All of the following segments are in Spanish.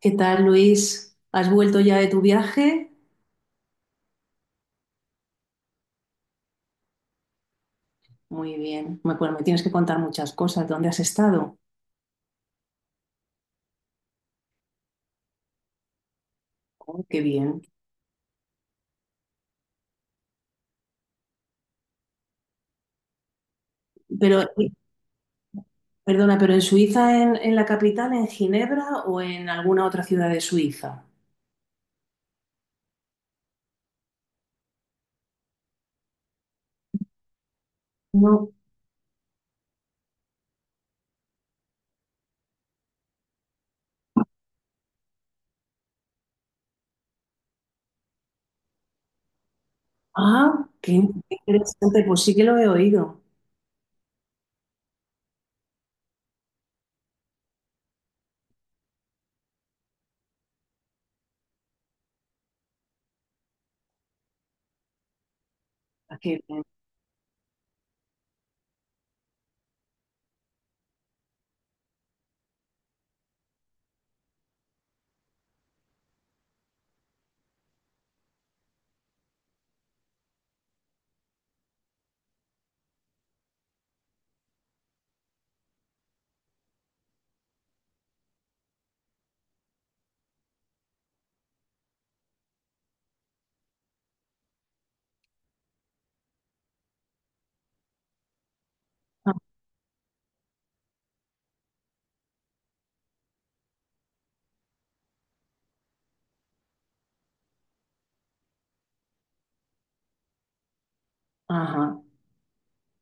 ¿Qué tal, Luis? ¿Has vuelto ya de tu viaje? Muy bien. Me- Bueno, me tienes que contar muchas cosas. ¿Dónde has estado? Oh, qué bien. Pero, perdona, ¿pero en Suiza, en la capital, en Ginebra o en alguna otra ciudad de Suiza? No. Ah, qué interesante. Pues sí que lo he oído. Ah, qué bien. Ah, ajá.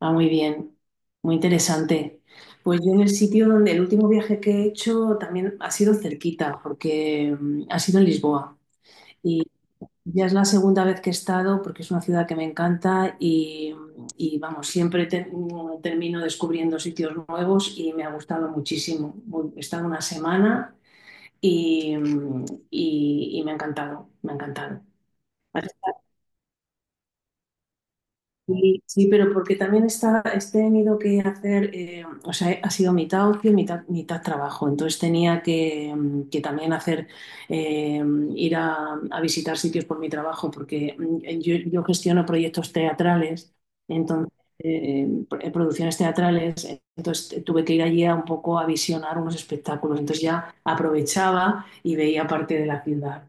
Ah, muy bien. Muy interesante. Pues yo en el sitio donde el último viaje que he hecho también ha sido cerquita, porque ha sido en Lisboa. Ya es la segunda vez que he estado porque es una ciudad que me encanta vamos, siempre te- termino descubriendo sitios nuevos y me ha gustado muchísimo. Voy- He estado una semana y, y me ha encantado, me ha encantado. Sí, sí, pero porque también está, he tenido que hacer, o sea, ha sido mitad ocio, mitad trabajo. Entonces tenía que, que también hacer, eh, ir a visitar sitios por mi trabajo, porque yo gestiono proyectos teatrales, entonces, eh, producciones teatrales, entonces tuve que ir allí a un poco a visionar unos espectáculos. Entonces ya aprovechaba y veía parte de la ciudad.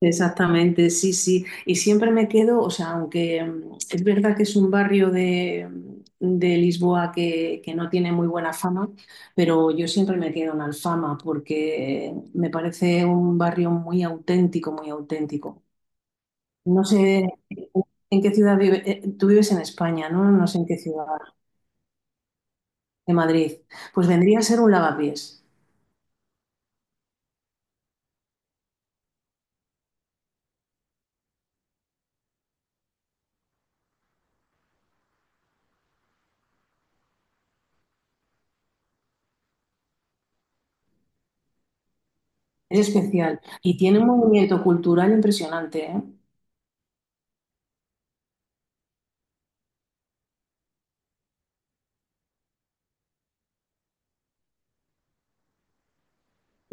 Exactamente, sí, sí. Y siempre me quedo, o sea, aunque es verdad que es un barrio de, de Lisboa que no tiene muy buena fama, pero yo siempre me quedo en Alfama porque me parece un barrio muy auténtico, muy auténtico. No sé en qué ciudad vive, tú vives en España, ¿no? No sé en qué ciudad de Madrid. Pues vendría a ser un Lavapiés. Es especial y tiene un movimiento cultural impresionante, ¿eh?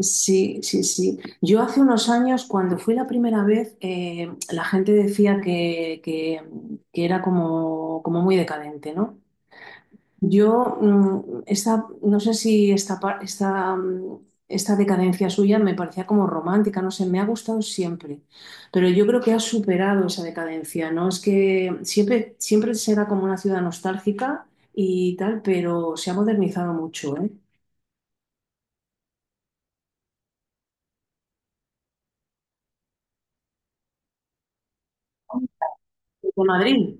Sí, sí, sí. Yo hace unos años, cuando fui la primera vez, la gente decía que era como, como muy decadente, ¿no? Yo, esta, no sé si esta, par- esta, esta decadencia suya me parecía como romántica, no sé, me ha gustado siempre, pero yo creo que ha superado esa decadencia, ¿no? Es que siempre, siempre será como una ciudad nostálgica y tal, pero se ha modernizado mucho, ¿eh? De Madrid.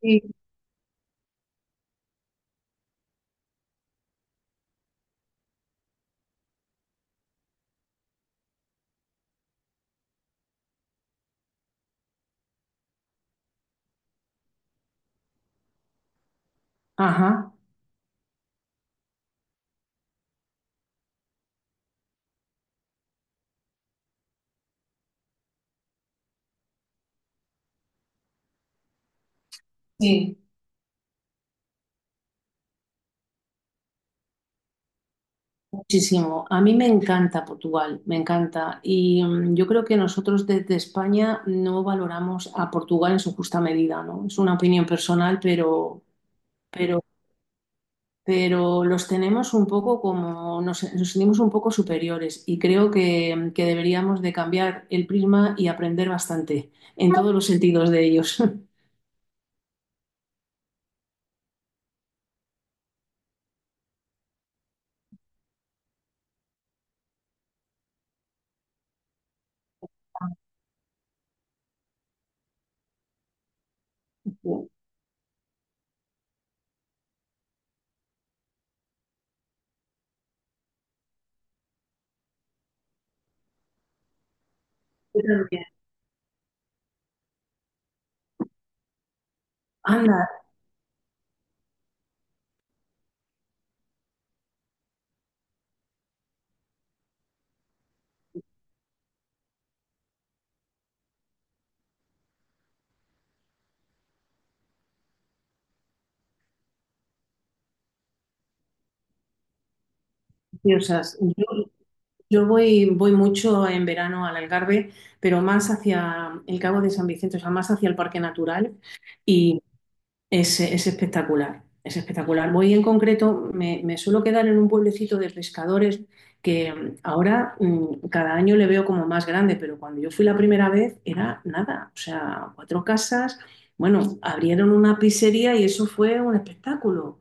Sí. Ajá. Sí. Muchísimo. A mí me encanta Portugal, me encanta. Y yo creo que nosotros desde España no valoramos a Portugal en su justa medida, ¿no? Es una opinión personal, pero, pero los tenemos un poco como, nos sentimos un poco superiores y creo que deberíamos de cambiar el prisma y aprender bastante en todos los sentidos de ellos. Yo también. Anda, preciosas. Yo voy, voy mucho en verano al Algarve, pero más hacia el Cabo de San Vicente, o sea, más hacia el Parque Natural. Y es espectacular, es espectacular. Voy en concreto, me suelo quedar en un pueblecito de pescadores que ahora cada año le veo como más grande, pero cuando yo fui la primera vez era nada, o sea, cuatro casas, bueno, abrieron una pizzería y eso fue un espectáculo.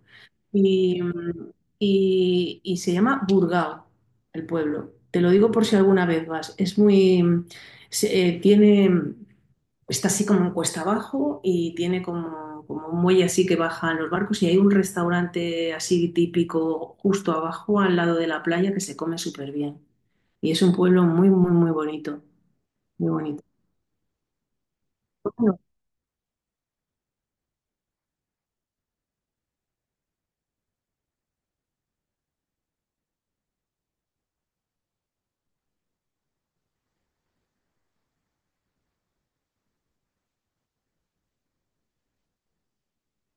Y, mm, y se llama Burgao, el pueblo. Te lo digo por si alguna vez vas. Es muy, se- tiene está así como en cuesta abajo y tiene como, como un muelle así que bajan los barcos y hay un restaurante así típico justo abajo al lado de la playa que se come súper bien. Y es un pueblo muy, muy, muy bonito, muy bonito. No,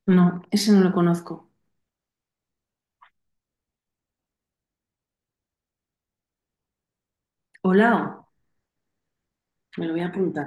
no, ese no lo conozco. Olao, me lo voy a apuntar.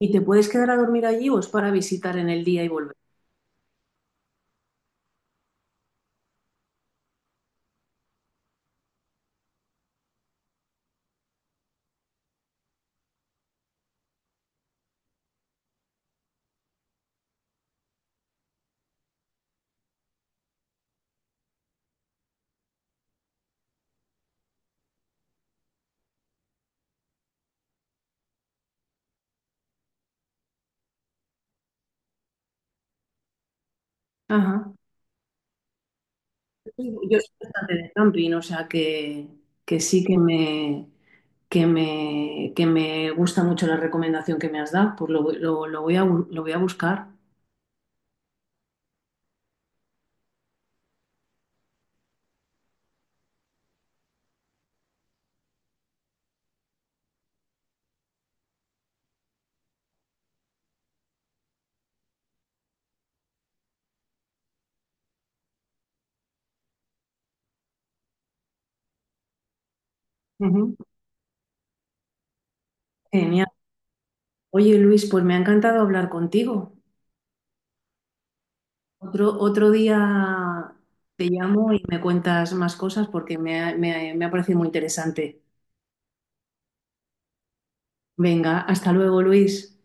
¿Y te puedes quedar a dormir allí o es para visitar en el día y volver? Ajá. Sí, yo soy bastante de camping, o sea que sí que me, que me gusta mucho la recomendación que me has dado, pues lo, voy- lo voy a, bu- lo voy a buscar. Ujú. Genial. Oye, Luis, pues me ha encantado hablar contigo. Otro, otro día te llamo y me cuentas más cosas porque me ha, me ha parecido muy interesante. Venga, hasta luego, Luis.